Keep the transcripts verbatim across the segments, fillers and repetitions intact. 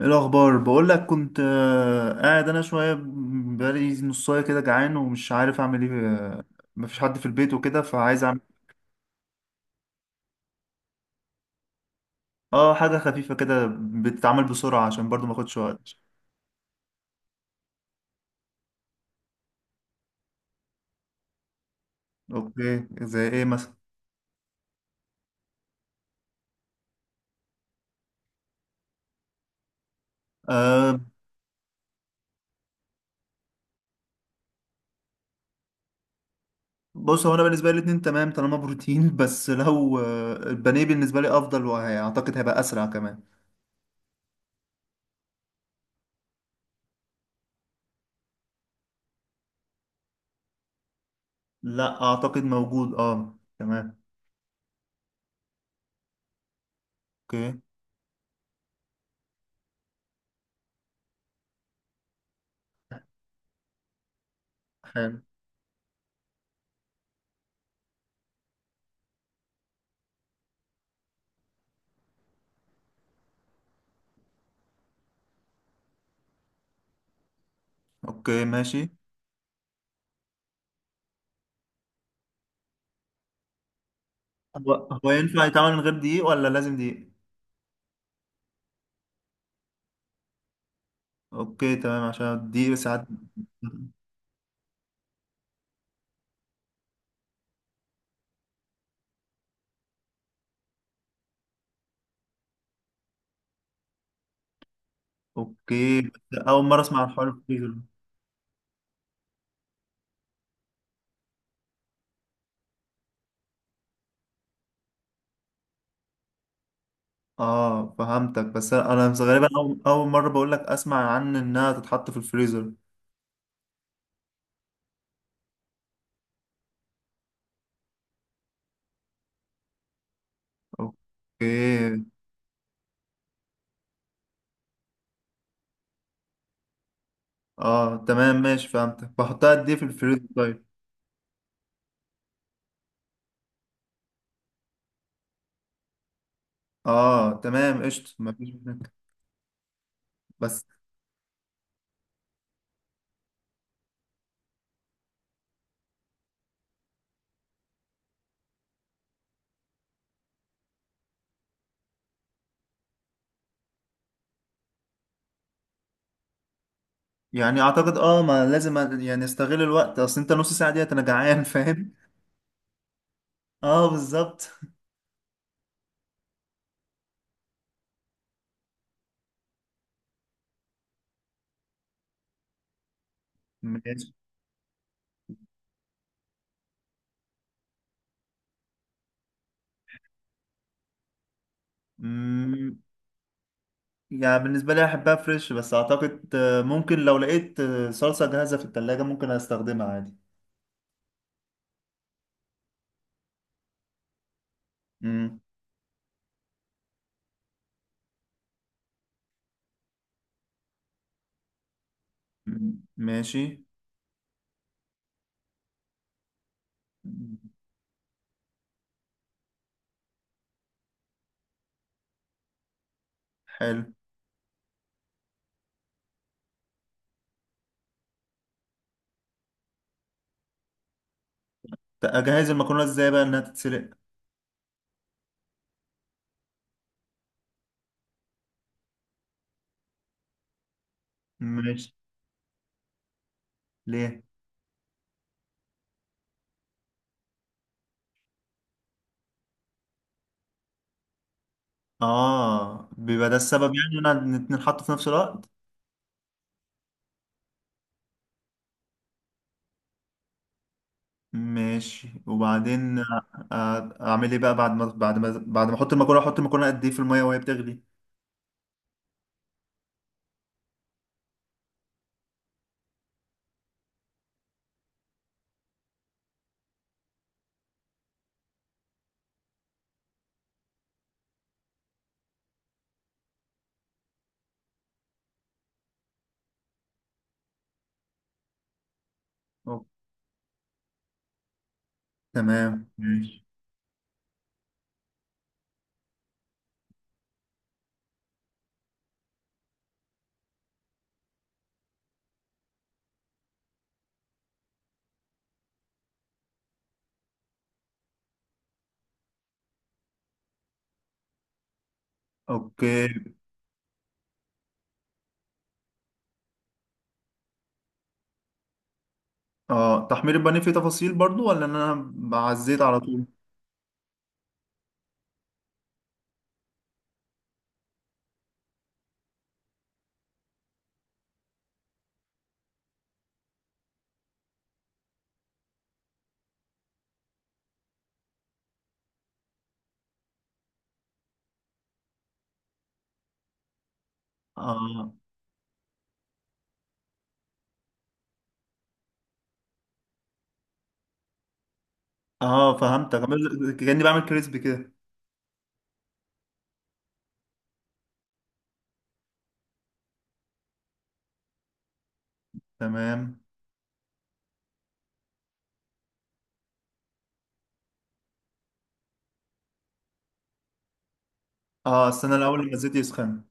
ايه الاخبار؟ بقول لك كنت آه، قاعد انا شويه. بقالي نصايه كده، جعان ومش عارف اعمل ايه. آه، مفيش حد في البيت وكده، فعايز اعمل. اه، حاجه خفيفه كده بتتعمل بسرعه، عشان برضو ما اخدش وقت. اوكي، زي ايه مثلا؟ آه، بص. هو انا بالنسبه لي الاتنين تمام طالما بروتين. بس لو آه، البانيه بالنسبه لي افضل، واعتقد هيبقى اسرع كمان. لا، اعتقد موجود. اه، تمام. اوكي. حلو. اوكي، ماشي. هو هو ينفع يتعمل من غير دقيق، ولا لازم دقيق؟ اوكي، تمام، عشان دي ساعات. اوكي، بس اول مره اسمع عن حوار الفريزر. اه، فهمتك. بس انا بس غالبا اول اول مره بقول لك اسمع عن انها تتحط في الفريزر. اوكي. اه، تمام، ماشي، فهمتك. بحطها قد ايه في الفريزر طيب؟ اه، تمام، قشطة. مفيش منك. بس يعني اعتقد اه ما لازم، أ- يعني استغل الوقت، اصل انت نص ساعه ديت انا جعان. فاهم؟ اه، بالظبط. ماشي. يعني بالنسبة لي أحبها فريش، بس أعتقد آه، ممكن لو لقيت آه، صلصة جاهزة في التلاجة، ممكن أستخدمها عادي. مم. مم. ماشي. مم. حلو. ت- أجهز المكرونة إزاي بقى إنها تتسلق؟ ماشي. ليه؟ آه، بيبقى ده السبب يعني، إن أنا الاتنين حطوا في نفس الوقت. ماشي. وبعدين آه، آه، أعمل إيه بقى، بعد ما بعد ما بعد ما أحط المكرونة أحط المكرونة قد إيه في المية وهي بتغلي؟ أوك. تمام، ماشي. أوكي. اه، تحمير البانيه فيه تفاصيل برضو، ولا ان انا بعزيت على طول؟ اه. اه، فهمتك. عمل- كأني بعمل كريسبي كده. تمام. اه، استنى الاول لما الزيت يسخن.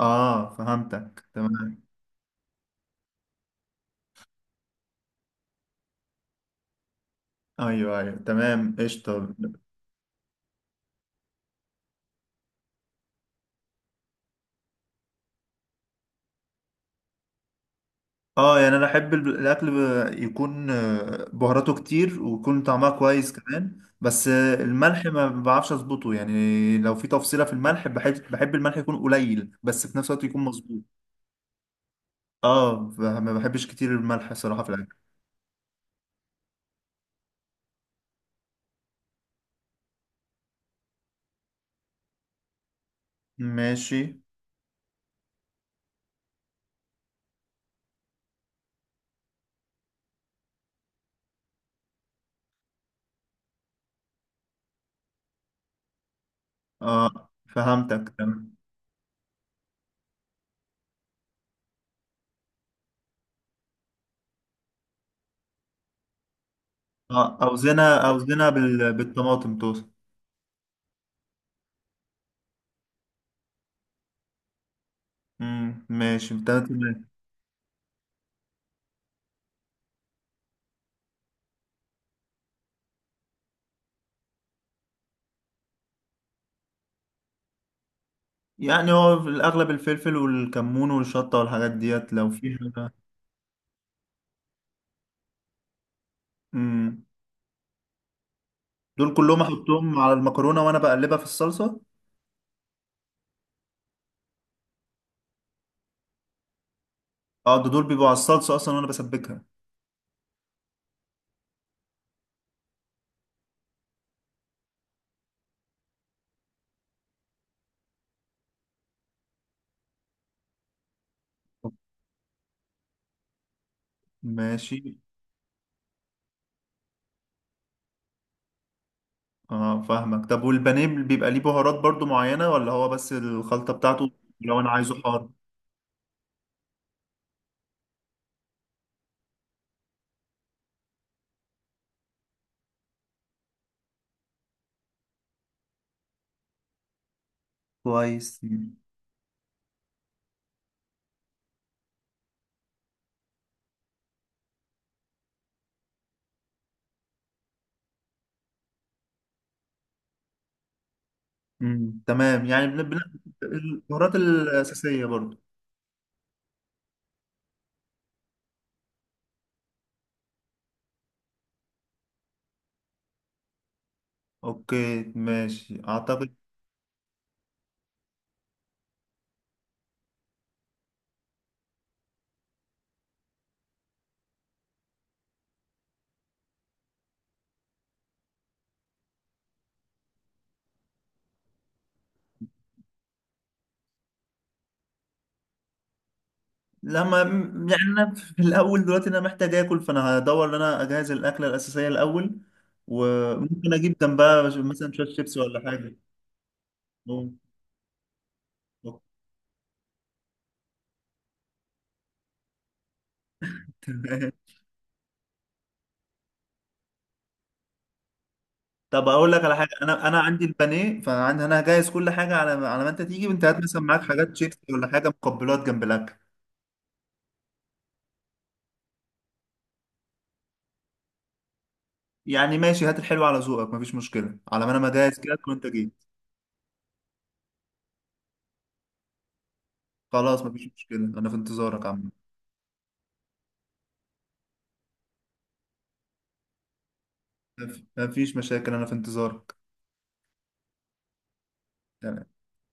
اه، فهمتك، تمام. ايوه، ايوه، تمام، قشطه. اه، يعني انا احب ال- الاكل ب- يكون آه، بهاراته كتير، ويكون طعمها كويس كمان. بس آه، الملح ما بعرفش اظبطه، يعني لو في تفصيله في الملح، بحب بحب الملح يكون قليل بس في نفس الوقت يكون مظبوط. اه، ف- ما بحبش كتير الملح الصراحه في الاكل. ماشي. اه، فهمتك، تمام. اه، اوزنها اوزنها بال... بالطماطم توصل. امم، ماشي، انت تمام. يعني هو في الاغلب الفلفل والكمون والشطه والحاجات ديت، لو في حاجه. امم. دول كلهم احطهم على المكرونه وانا بقلبها في الصلصه؟ اه، ده دول بيبقوا على الصلصه اصلا وانا بسبكها. ماشي. اه، فاهمك. طب والبانيه بيبقى ليه بهارات برضو معينه، ولا هو بس الخلطه بتاعته؟ لو انا عايزه حار. كويس. امم، تمام. يعني بن... بن... البهارات الأساسية برضو. اوكي، ماشي، اعتقد. لما. يعني انا في الاول دلوقتي، انا محتاج اكل. فانا هدور ان انا اجهز الاكله الاساسيه الاول. وممكن اجيب جنبها، ش- مثلا شويه شيبسي ولا حاجه. ممكن. تمام. طب اقول لك على حاجه. انا انا عندي البانيه. فانا انا هجهز كل حاجه على على ما انت تيجي. وانت هات مثلا معاك حاجات شيبسي ولا حاجه، مقبلات جنب الاكل. يعني ماشي. هات الحلو على ذوقك. مفيش مشكله، على ما انا مجهز كده وانت جاي. خلاص. مفيش مشكلة، أنا في انتظارك عم. مفيش مشاكل، أنا في انتظارك. تمام.